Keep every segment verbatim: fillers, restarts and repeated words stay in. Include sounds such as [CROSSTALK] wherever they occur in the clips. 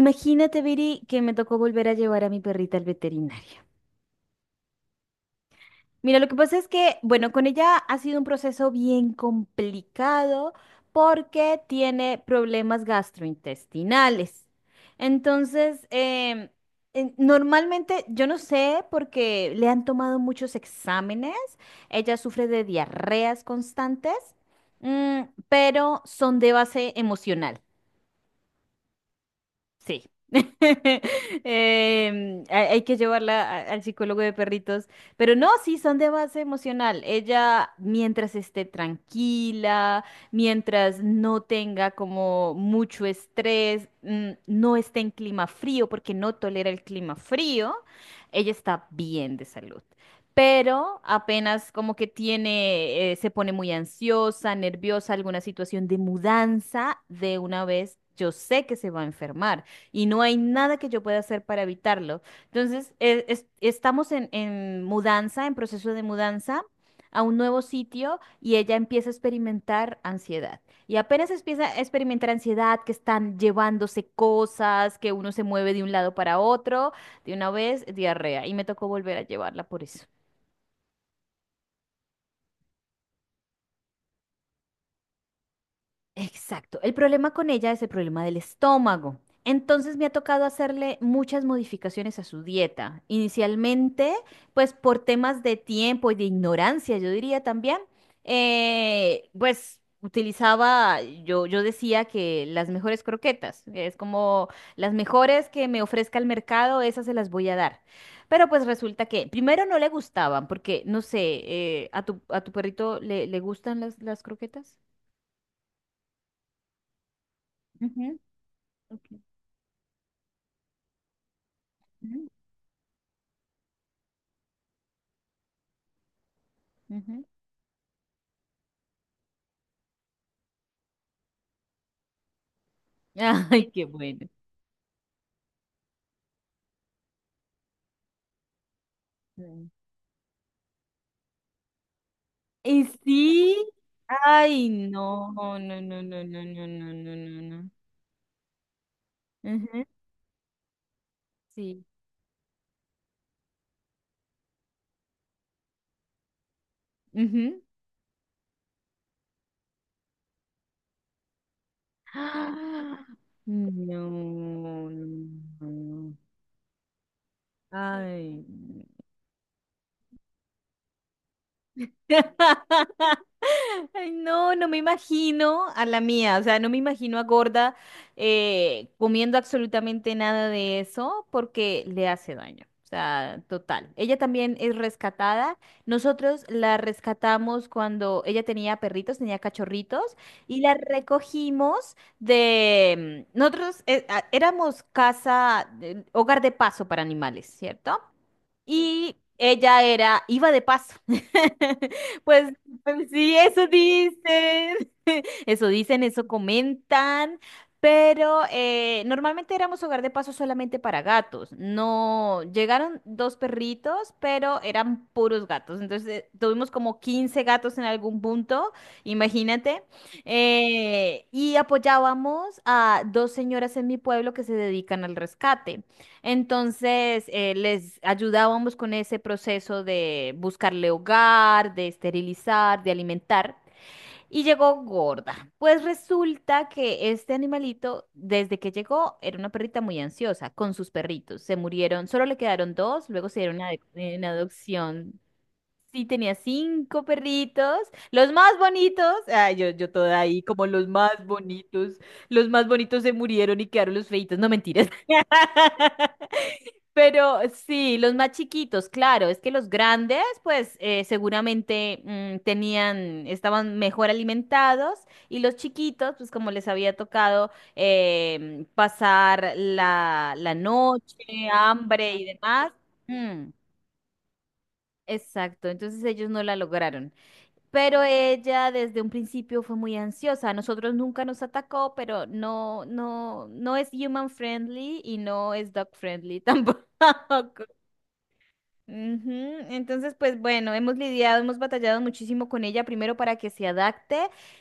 Imagínate, Viri, que me tocó volver a llevar a mi perrita al veterinario. Mira, lo que pasa es que, bueno, con ella ha sido un proceso bien complicado porque tiene problemas gastrointestinales. Entonces, em, en- Normalmente, yo no sé, porque le han tomado muchos exámenes, ella sufre de diarreas constantes, mm, pero son de base emocional. Sí. [LAUGHS] Em, hay hay que llevarla a- al psicólogo de perritos, pero no, sí, son de base emocional. Ella, mientras esté tranquila, mientras no tenga como mucho estrés, mm, no esté en clima frío porque no tolera el clima frío, ella está bien de salud. Pero apenas como que tiene, eh, se pone muy ansiosa, nerviosa, alguna situación de mudanza, de una vez yo sé que se va a enfermar y no hay nada que yo pueda hacer para evitarlo. Entonces, e- es- estamos en, en mudanza, en proceso de mudanza a un nuevo sitio y ella empieza a experimentar ansiedad. Y apenas empieza a experimentar ansiedad, que están llevándose cosas, que uno se mueve de un lado para otro, de una vez, diarrea. Y me tocó volver a llevarla por eso. Exacto. El problema con ella es el problema del estómago. Entonces me ha tocado hacerle muchas modificaciones a su dieta. Inicialmente, pues por temas de tiempo y de ignorancia, yo diría también, eh, pues utilizaba, yo, yo decía que las mejores croquetas, que es como las mejores que me ofrezca el mercado, esas se las voy a dar. Pero pues resulta que primero no le gustaban, porque no sé. Eh, ¿a tu, a tu perrito le, le gustan las, las croquetas? Ujú. Ok. Ujú, ujú. Ay, qué bueno. Sí. Y sí, ay, no, no, no, no, no, no, no, no, no, no. Ujú. Sí. Ujú. Ah. No, no, no. Ay. [LAUGHS] Ay, no, no me imagino a la mía, o sea, no me imagino a gorda, eh, comiendo absolutamente nada de eso porque le hace daño. O sea, total. Ella también es rescatada. Nosotros la rescatamos cuando ella tenía perritos, tenía cachorritos, y la recogimos. de... mm, Nosotros eh, a- éramos casa, de- hogar de paso para animales, ¿cierto? Y ella era, iba de paso. [LAUGHS] Pues, pues sí, eso dicen. [LAUGHS] Eso dicen, eso comentan. Pero eh, normalmente éramos hogar de paso solamente para gatos. No, llegaron dos perritos, pero eran puros gatos. Entonces eh, tuvimos como quince gatos en algún punto, imagínate. Eh, y apoyábamos a dos señoras en mi pueblo que se dedican al rescate. Entonces, eh, les ayudábamos con ese proceso de buscarle hogar, de esterilizar, de alimentar. Y llegó gorda. Pues resulta que este animalito, desde que llegó, era una perrita muy ansiosa con sus perritos. Se murieron, solo le quedaron dos, luego se dieron ade- en adopción. Sí, tenía cinco perritos, los más bonitos. Ay, yo, yo toda ahí, como los más bonitos. Los más bonitos se murieron y quedaron los feitos. No mentiras. [LAUGHS] Pero sí, los más chiquitos, claro, es que los grandes, pues eh, seguramente, mm, tenían, estaban mejor alimentados y los chiquitos, pues como les había tocado, em, pasar la, la noche, hambre y demás. Mm, exacto, entonces ellos no la lograron. Pero ella desde un principio fue muy ansiosa. A nosotros nunca nos atacó, pero no, no, no es human friendly y no es dog friendly tampoco. [LAUGHS] Ujú. Entonces, pues bueno, hemos lidiado, hemos batallado muchísimo con ella, primero para que se adapte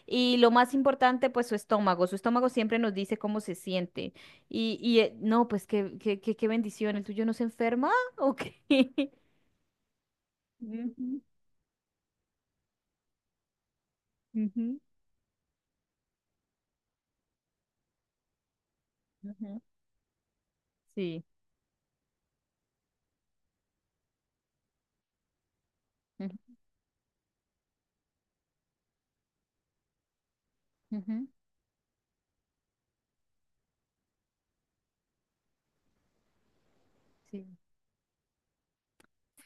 y lo más importante, pues su estómago. Su estómago siempre nos dice cómo se siente. Y, y eh, no, pues qué, qué, qué, qué bendición. ¿El tuyo no se enferma o qué? [LAUGHS] Ujú, ujú, ujú. Sí. Ujú, ujú. Sí.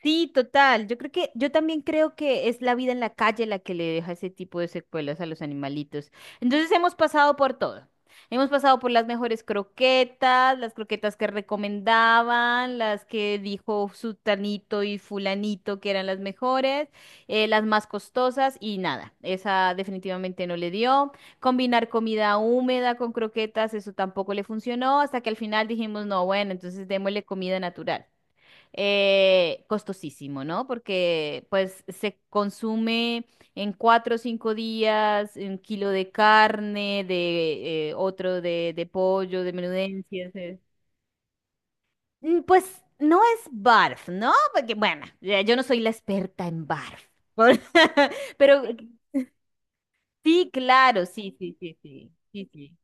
Sí, total. Yo creo que, yo también creo que es la vida en la calle la que le deja ese tipo de secuelas a los animalitos. Entonces hemos pasado por todo. Hemos pasado por las mejores croquetas, las croquetas que recomendaban, las que dijo Sutanito y Fulanito que eran las mejores, eh, las más costosas y nada, esa definitivamente no le dio. Combinar comida húmeda con croquetas, eso tampoco le funcionó, hasta que al final dijimos, no, bueno, entonces démosle comida natural. Eh, costosísimo, ¿no? Porque pues se consume en cuatro o cinco días un kilo de carne, de eh, otro de, de pollo, de menudencias. eh. Mm, Pues no es barf, ¿no? Porque bueno, ya yo no soy la experta en barf. Por- [LAUGHS] Pero eh, sí, claro, sí, sí, sí, sí, sí, sí.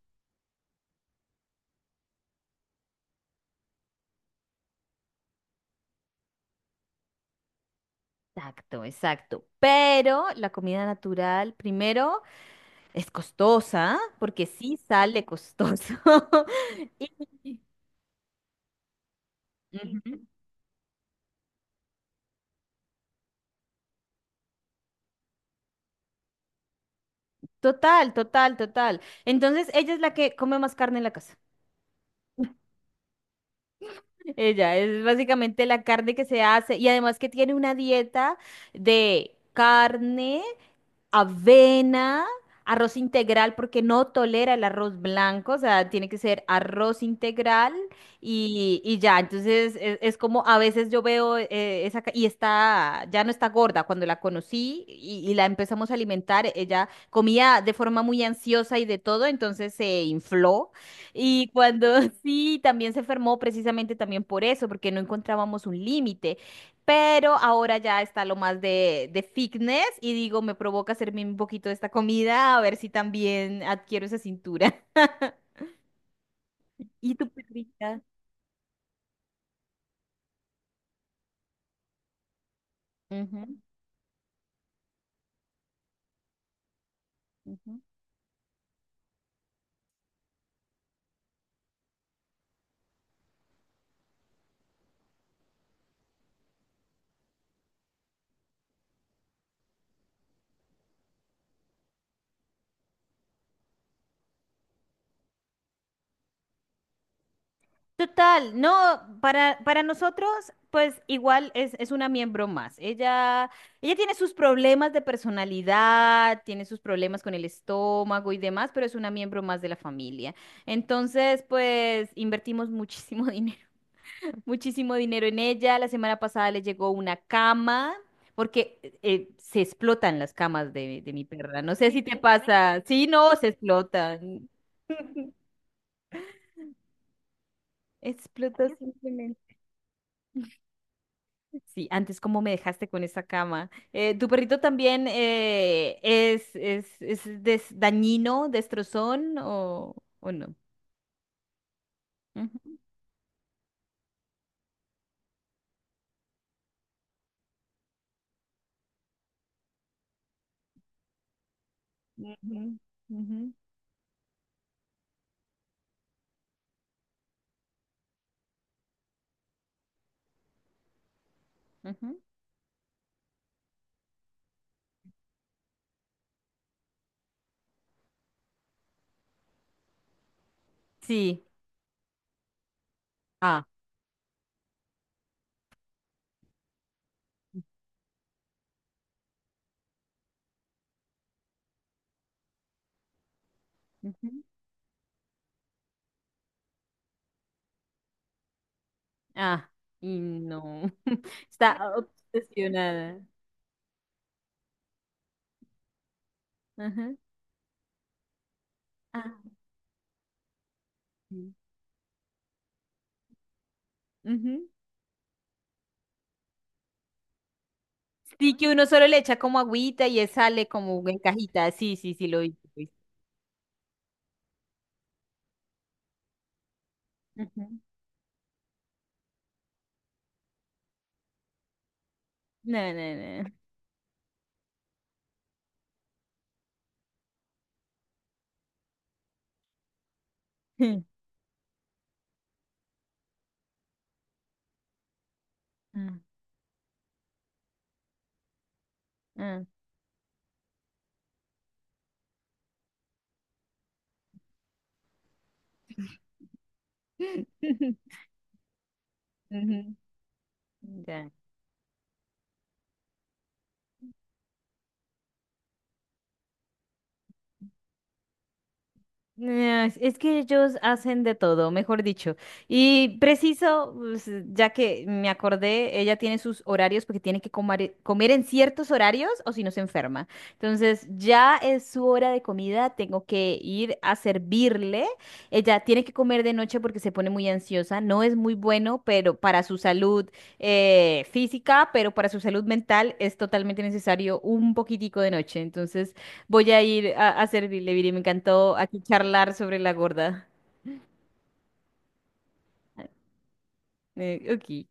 Exacto, exacto. Pero la comida natural, primero. Es costosa, porque sí sale costoso. [LAUGHS] Y- Ujú. Total, total, total. Entonces, ella es la que come más carne en la casa. [LAUGHS] Ella es básicamente la carne que se hace y además que tiene una dieta de carne, avena, arroz integral, porque no tolera el arroz blanco, o sea, tiene que ser arroz integral y, y ya. Entonces es, es como a veces yo veo, eh, esa, ca- y está, ya no está gorda. Cuando la conocí y, y la empezamos a alimentar, ella comía de forma muy ansiosa y de todo, entonces se infló. Y cuando [LAUGHS] sí, también se enfermó precisamente también por eso, porque no encontrábamos un límite. Pero ahora ya está lo más de, de, fitness y digo, me provoca hacerme un poquito de esta comida a ver si también adquiero esa cintura. [LAUGHS] Y tu perrita. Ujú, ujú. Total, no, para, para nosotros, pues igual es, es una miembro más. Ella, ella tiene sus problemas de personalidad, tiene sus problemas con el estómago y demás, pero es una miembro más de la familia. Entonces, pues invertimos muchísimo [LAUGHS] dinero [LAUGHS] muchísimo dinero en ella. La semana pasada le llegó una cama, porque eh, eh, se explotan las camas de, de mi perra. No sé si te pasa. Sí, no, se explotan. [LAUGHS] Explota simplemente. Sí, antes cómo me dejaste con esa cama. Eh, ¿tu perrito también, eh, es, es, es des- dañino, destrozón o, o no? Ujú, ujú, ujú, ujú. Sí. Ah. Ujú. Ah, y no. [LAUGHS] Está obsesionada. Ajá. Ah, sí. Ujú. Sí, que uno solo le echa como agüita y él sale como en cajita. Sí, sí, sí, lo vi. Lo vi. Ujú. No, no, no. [LAUGHS] Ah. Ah. [LAUGHS] Ujú. Ya. Eh, Es es que ellos hacen de todo, mejor dicho. Y preciso, pues, ya que me acordé, ella tiene sus horarios porque tiene que comare- comer en ciertos horarios o si no se enferma. Entonces, ya es su hora de comida, tengo que ir a servirle. Ella tiene que comer de noche porque se pone muy ansiosa. No es muy bueno, pero para su salud, eh, física, pero para su salud mental es totalmente necesario un poquitico de noche. Entonces, voy a ir a, a, servirle, Viri. Me encantó aquí charlar sobre la gorda. Eh, ok.